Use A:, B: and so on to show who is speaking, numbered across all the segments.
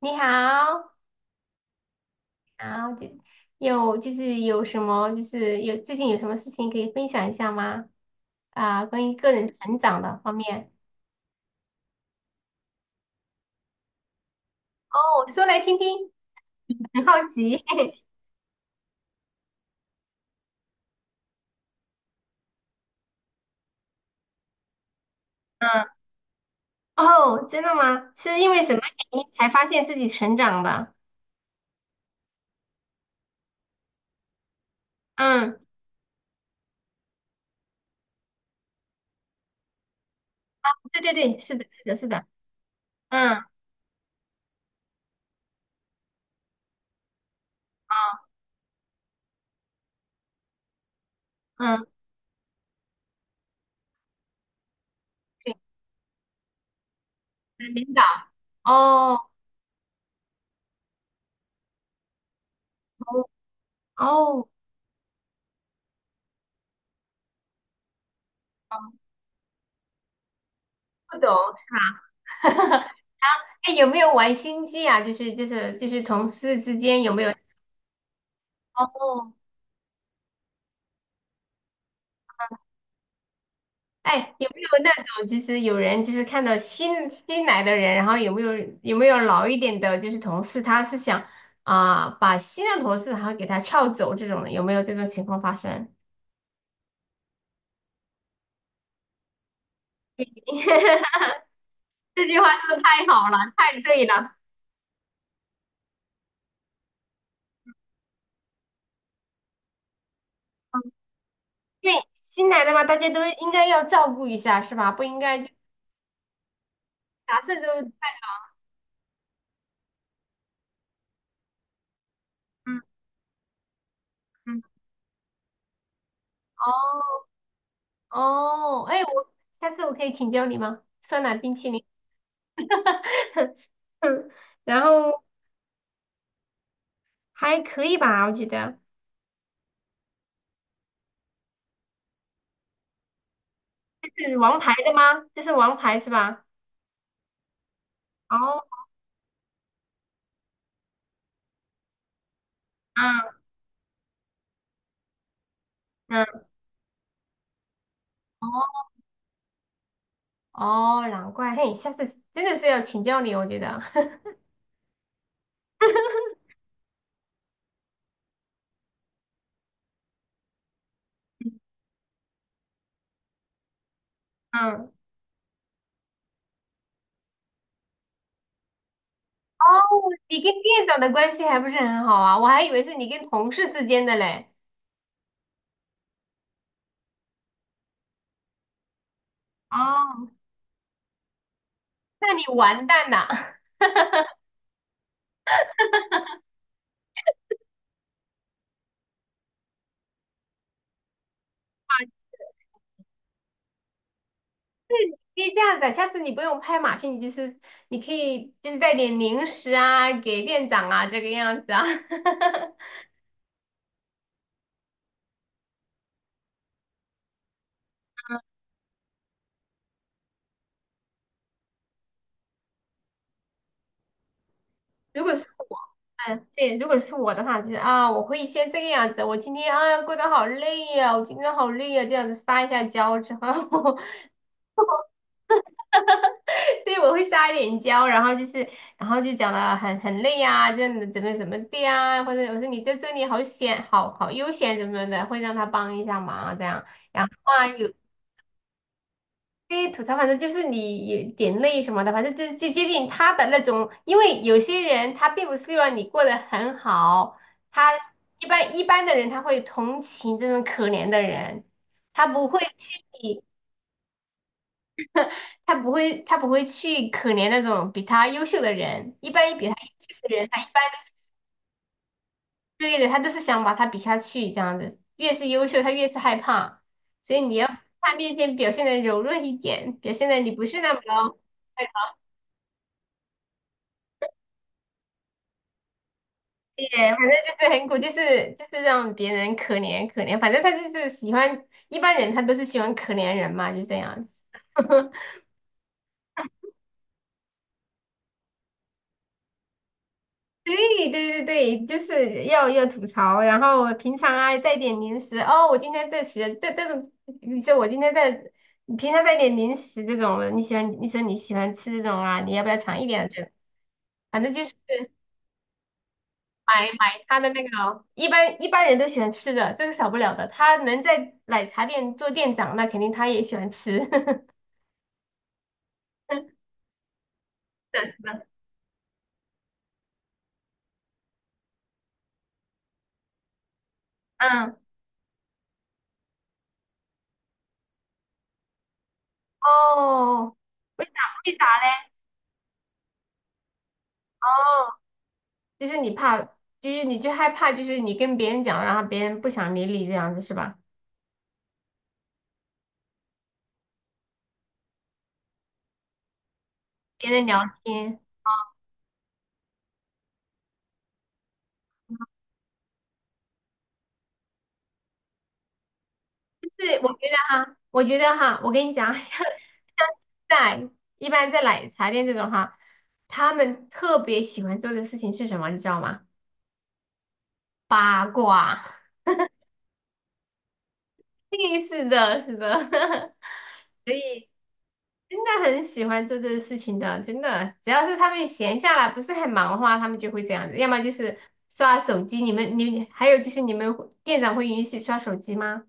A: 你好，好，就有就是有什么就是有最近有什么事情可以分享一下吗？啊、关于个人成长的方面。哦，说来听听，很好奇。嗯，哦，真的吗？是因为什么原因才发现自己成长的？嗯，对对对，是的，是的，是的。嗯嗯，对，领导。哦哦哦，不懂是吧？哎，有没有玩心机啊？就是同事之间有没有？哦哎，有没有那种就是有人就是看到新来的人，然后有没有有没有老一点的，就是同事，他是想啊、把新的同事然后给他撬走这种的，有没有这种情况发生？这句话说的太好了，太对了。对，新来的嘛，大家都应该要照顾一下，是吧？不应该就啥事都嗯嗯，哦，哎，我下次我可以请教你吗？酸奶冰淇淋，然后还可以吧，我觉得。是王牌的吗？这是王牌是吧？哦，啊，嗯，哦，哦难怪，嘿，下次真的是要请教你，我觉得，嗯，哦，你跟店长的关系还不是很好啊？我还以为是你跟同事之间的嘞。哦，那你完蛋了，啊，可以这样子啊，下次你不用拍马屁，你可以就是带点零食啊给店长啊这个样子啊。如果是嗯，对，如果是我的话，就是啊，我会先这个样子，我今天啊过得好累呀、我今天好累呀、这样子撒一下娇之后，对，我会撒一点娇，然后就是，然后就讲的很累呀、这样子怎么怎么的呀、或者我说你在这里好好悠闲怎么的，会让他帮一下忙这样。然后啊，有非吐槽，反正就是你有点累什么的，反正就接近他的那种，因为有些人他并不希望你过得很好，他一般的人他会同情这种可怜的人，他不会去他不会去可怜那种比他优秀的人，一般比他优秀的人，他一般都是对的，他都是想把他比下去这样子，越是优秀他越是害怕，所以你要在他面前表现的柔弱一点，表现的你不是那么。对，反正就是很苦，就是让别人可怜可怜，反正他就是喜欢一般人，他都是喜欢可怜人嘛，就这样子。对对对对，就是要吐槽，然后平常啊带点零食哦，我今天在吃这种，你说我今天在，你平常带点零食这种的你说你喜欢吃这种啊，你要不要尝一点这种？反正就是。买他的那个，一般人都喜欢吃的，这个少不了的。他能在奶茶店做店长，那肯定他也喜欢吃。是的，是的，嗯，哦，为啥为啥嘞？哦，就是你怕，就是你就害怕，就是你跟别人讲，然后别人不想理你这样子是吧？别人聊天，就是我觉得哈，我跟你讲，像在一般在奶茶店这种哈，他们特别喜欢做的事情是什么，你知道吗？八卦。嘿，是的，是的，所以真的很喜欢做这个事情的，真的，只要是他们闲下来，不是很忙的话，他们就会这样子，要么就是刷手机。你还有就是你们会店长会允许刷手机吗？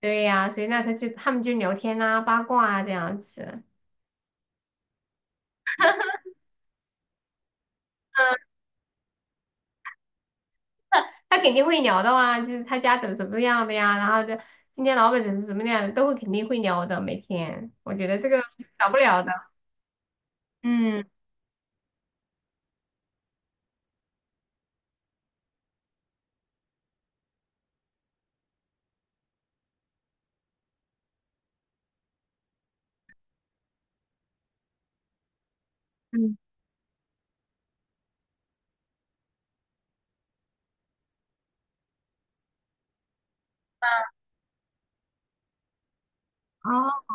A: 对呀、所以那他就他们就聊天啊、八卦啊这样子，嗯，他肯定会聊的啊，就是他家怎么怎么样的呀，然后就今天老板怎么怎么样的，都会肯定会聊的，每天，我觉得这个少不了的，嗯嗯，哦。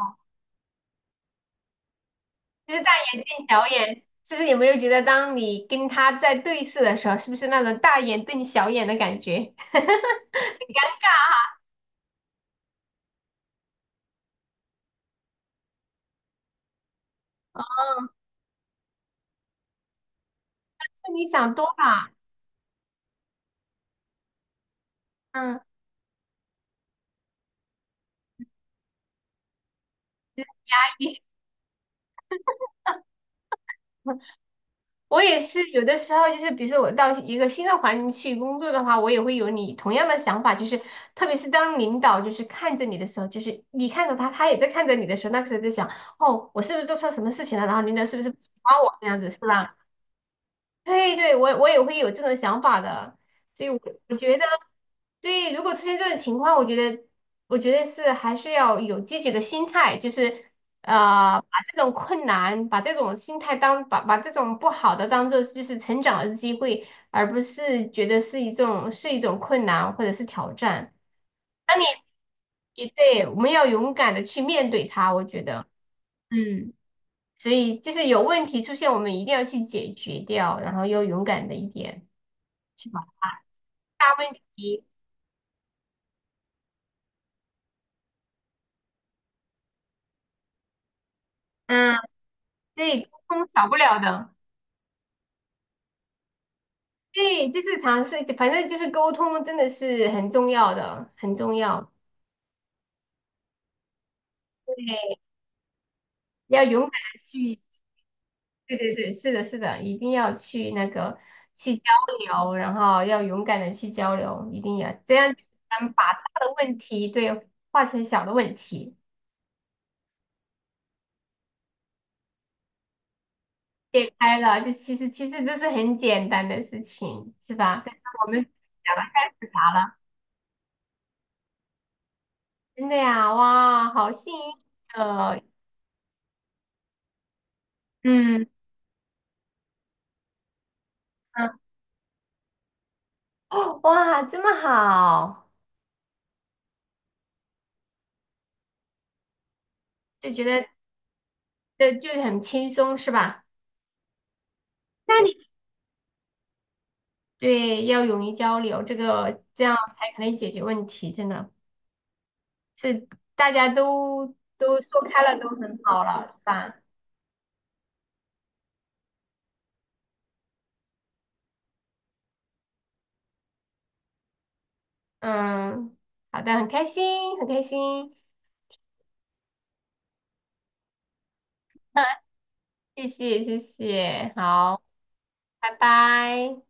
A: 就是大眼瞪小眼，是不是有没有觉得，当你跟他在对视的时候，是不是那种大眼瞪小眼的感觉？是你想多了。嗯，你我也是，有的时候就是，比如说我到一个新的环境去工作的话，我也会有你同样的想法，就是特别是当领导就是看着你的时候，就是你看着他，他也在看着你的时候，那个时候在想，哦，我是不是做错什么事情了？然后领导是不是不喜欢我这样子，是吧？对对，我也会有这种想法的，所以我觉得，对，如果出现这种情况，我觉得是还是要有积极的心态，就是把这种困难，把这种心态当把这种不好的当做就是成长的机会，而不是觉得是一种困难或者是挑战。当你也对，我们要勇敢的去面对它，我觉得，嗯。所以就是有问题出现，我们一定要去解决掉，然后要勇敢的一点，去把大问题，嗯，对，沟通少不了的，对，就是尝试，反正就是沟通真的是很重要的，很重要，要勇敢的去，对对对，是的，是的，一定要去那个去交流，然后要勇敢的去交流，一定要这样，才能把大的问题对化成小的问题。解开了，就其实都是很简单的事情，是吧？但是我们讲了太复杂了，真的呀，哇，好幸运呃，嗯嗯，哦，哇，这么好，就觉得这就是很轻松，是吧？那你对要勇于交流，这样才可能解决问题，真的是大家都说开了，都很好了，是吧？嗯，好的，很开心，很开心。谢谢谢谢，好，拜拜。